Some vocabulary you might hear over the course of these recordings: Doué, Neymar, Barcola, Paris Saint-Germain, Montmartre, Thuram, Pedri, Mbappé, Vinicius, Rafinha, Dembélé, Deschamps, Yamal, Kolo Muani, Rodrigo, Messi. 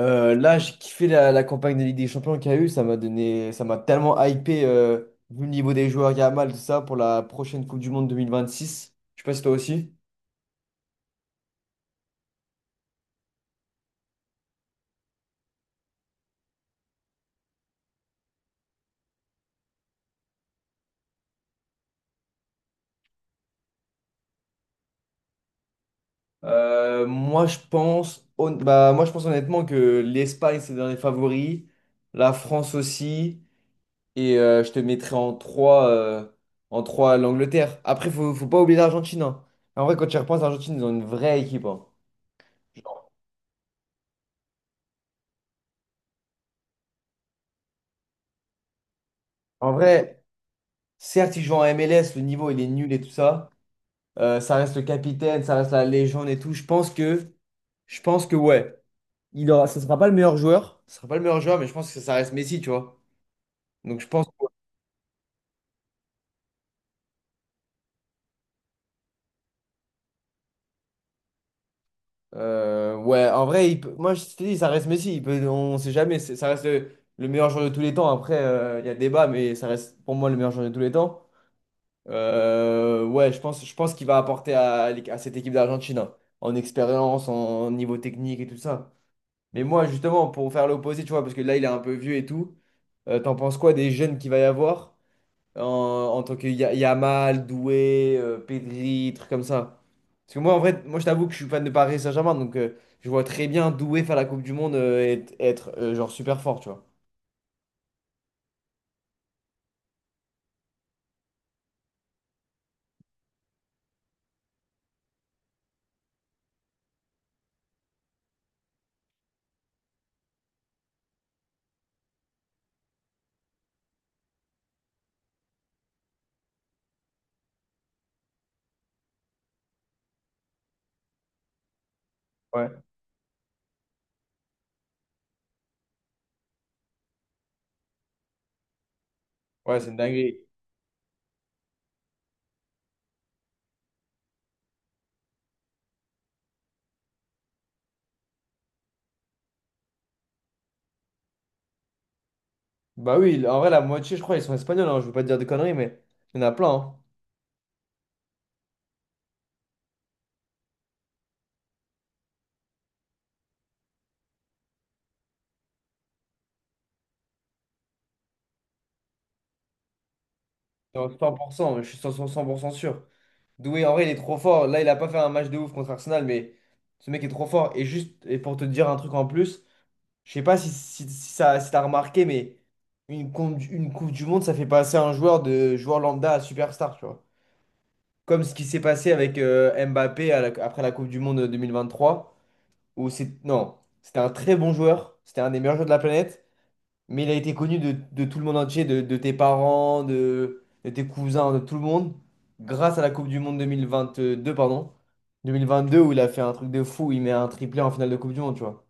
Là, j'ai kiffé la campagne de Ligue des Champions qu'il y a eu. Ça m'a tellement hypé, vu le niveau des joueurs, Yamal, tout ça, pour la prochaine Coupe du Monde 2026. Je sais pas si toi aussi. Moi, je pense, honnêtement que l'Espagne, c'est dans les favoris. La France aussi. Et je te mettrai en 3, l'Angleterre. Après, faut pas oublier l'Argentine, hein. En vrai, quand tu y repenses, l'Argentine, ils ont une vraie équipe, hein. En vrai, certes, ils jouent en MLS, le niveau, il est nul et tout ça. Ça reste le capitaine, ça reste la légende et tout. Je pense que ouais, ça sera pas le meilleur joueur, mais je pense que ça reste Messi, tu vois. Donc je pense, que, ouais, en vrai, moi je te dis, ça reste Messi. Il peut, on sait jamais, ça reste le meilleur joueur de tous les temps. Après, il y a débat, mais ça reste pour moi le meilleur joueur de tous les temps. Ouais, je pense qu'il va apporter à cette équipe d'Argentine, hein, en expérience, en niveau technique et tout ça. Mais moi, justement, pour faire l'opposé, tu vois, parce que là, il est un peu vieux et tout. T'en penses quoi des jeunes qu'il va y avoir en tant que Yamal, Doué, Pedri, trucs comme ça? Parce que moi, en vrai, moi je t'avoue que je suis fan de Paris Saint-Germain, donc je vois très bien Doué faire la Coupe du Monde, et être genre super fort, tu vois. Ouais, ouais, c'est une dinguerie. Bah oui, en vrai, la moitié, je crois, ils sont espagnols, hein, je veux pas te dire de conneries, mais il y en a plein, hein. Non, 100%, mais je suis 100%, 100% sûr. Doué, en vrai, il est trop fort. Là, il a pas fait un match de ouf contre Arsenal, mais ce mec est trop fort. Et juste, pour te dire un truc en plus. Je sais pas si t'as remarqué, mais une Coupe du Monde, ça fait passer un joueur de joueur lambda à superstar, tu vois. Comme ce qui s'est passé avec Mbappé après la Coupe du Monde 2023, où c'est, non, c'était un très bon joueur, c'était un des meilleurs joueurs de la planète, mais il a été connu de tout le monde entier, de tes parents, de tes cousins, de tout le monde, grâce à la Coupe du Monde 2022, pardon, 2022, où il a fait un truc de fou, il met un triplé en finale de Coupe du Monde, tu vois.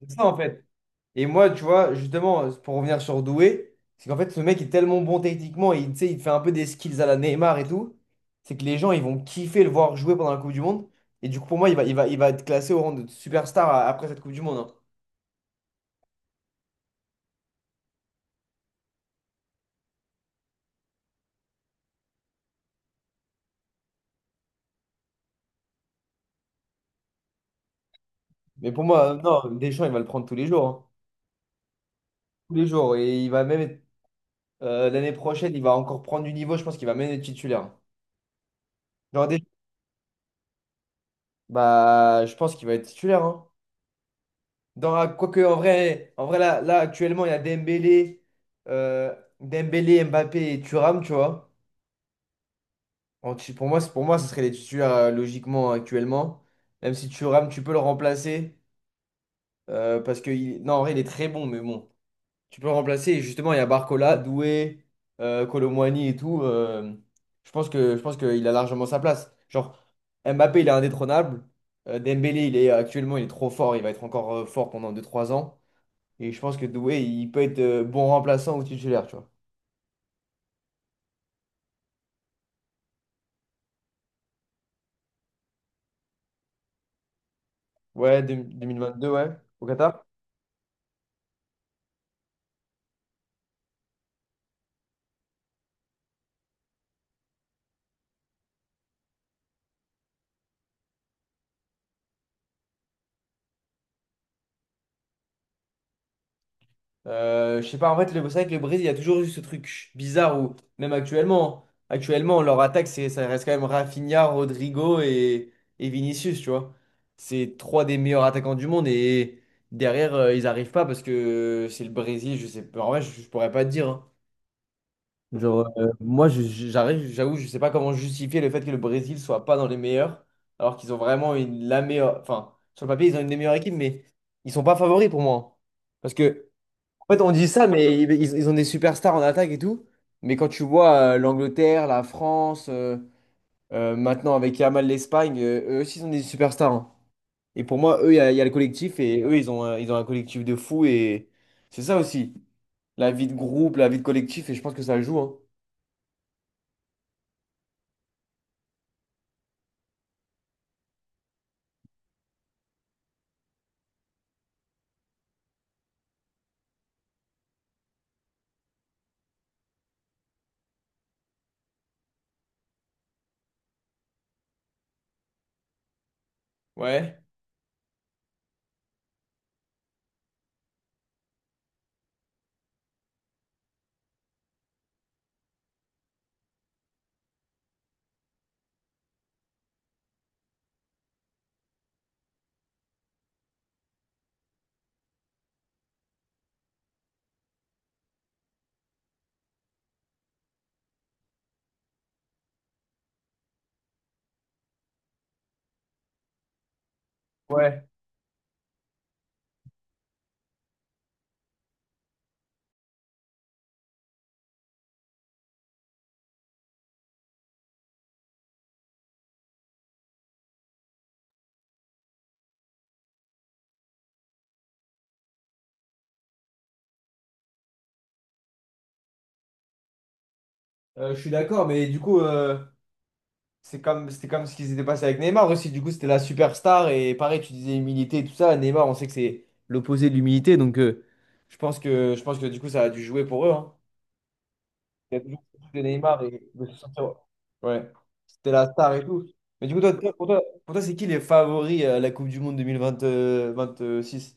C'est ça, en fait. Et moi, tu vois, justement, pour revenir sur Doué, c'est qu'en fait, ce mec est tellement bon techniquement et tu sais, il fait un peu des skills à la Neymar et tout. C'est que les gens, ils vont kiffer le voir jouer pendant la Coupe du Monde. Et du coup, pour moi, il va être classé au rang de superstar après cette Coupe du Monde, hein. Mais pour moi, non, Deschamps, il va le prendre tous les jours, hein. Tous les jours. Et il va même être, l'année prochaine, il va encore prendre du niveau. Je pense qu'il va même être titulaire. Genre, Deschamps, bah, je pense qu'il va être titulaire, hein. Quoique, en vrai actuellement, il y a euh, Dembélé, Mbappé et Thuram, tu vois. Pour moi, ce serait les titulaires logiquement actuellement. Même si Thuram, tu peux le remplacer. Parce que, non, en vrai, il est très bon, mais bon. Tu peux le remplacer. Et justement, il y a Barcola, Doué, Kolo Muani et tout. Je pense qu'il a largement sa place. Genre, Mbappé, il est indétrônable. Dembélé, il est trop fort. Il va être encore fort pendant deux trois ans. Et je pense que Doué, il peut être bon remplaçant ou titulaire, tu vois. Ouais, 2022, ouais, au Qatar. Je sais pas, en fait, c'est vrai que le Brésil, il y a toujours eu ce truc bizarre où, même actuellement, leur attaque, ça reste quand même Rafinha, Rodrigo et Vinicius, tu vois. C'est trois des meilleurs attaquants du monde et derrière, ils arrivent pas parce que c'est le Brésil, je sais pas. En vrai, je pourrais pas te dire, hein. Genre, moi, j'avoue, je sais pas comment justifier le fait que le Brésil soit pas dans les meilleurs, alors qu'ils ont vraiment la meilleure. Enfin, sur le papier, ils ont une des meilleures équipes, mais ils sont pas favoris pour moi, hein. Parce que, en fait, on dit ça, mais ils ont des superstars en attaque et tout. Mais quand tu vois l'Angleterre, la France, maintenant avec Yamal l'Espagne, eux aussi, ils ont des superstars, hein. Et pour moi, eux, il y a le collectif, et eux, ils ont un collectif de fou, et c'est ça aussi. La vie de groupe, la vie de collectif, et je pense que ça joue, hein. Ouais. Ouais, je suis d'accord, mais du coup, c'était comme ce qui s'était passé avec Neymar aussi. Du coup, c'était la superstar et pareil, tu disais humilité et tout ça. Neymar, on sait que c'est l'opposé de l'humilité, donc je pense que du coup, ça a dû jouer pour eux, hein. Il y a toujours ce truc de Neymar et de se sentir. Ouais, c'était la star et tout. Mais du coup, pour toi, c'est qui les favoris à la Coupe du Monde 2026?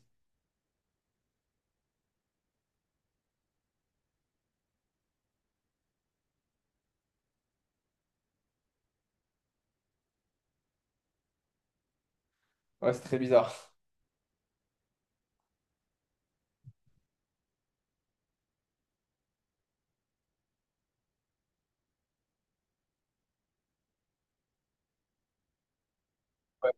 Ouais, c'est très bizarre. Ouais.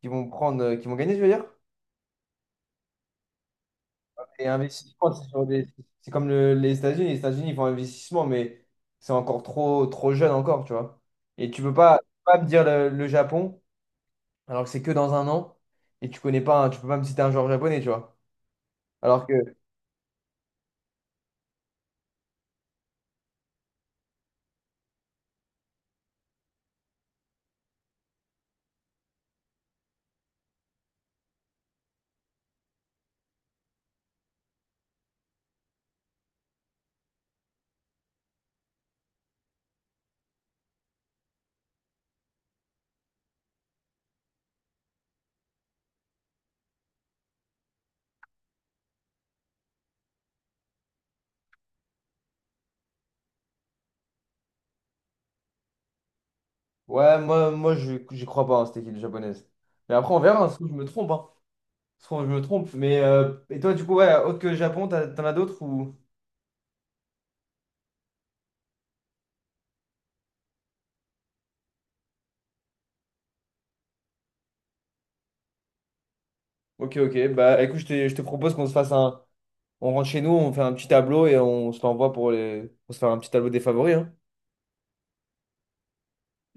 Qui vont gagner, je veux dire? Et investissement, c'est sur c'est comme les États-Unis. Les États-Unis, ils font investissement, mais c'est encore trop, trop jeune encore, tu vois. Et tu peux pas me dire le Japon, alors que c'est que dans un an, et tu connais pas, tu peux pas me citer un joueur japonais, tu vois. Alors que, ouais, moi je j'y crois pas, hein, cette équipe japonaise. Mais après, on verra, hein, ça se trouve, je me trompe, hein. Ça se trouve, je me trompe. Mais, et toi, du coup, ouais, autre que le Japon, t'en as d'autres ou... Ok, ok, bah écoute, je te propose qu'on se fasse un... On rentre chez nous, on fait un petit tableau et on se l'envoie pour les... pour se faire un petit tableau des favoris, hein.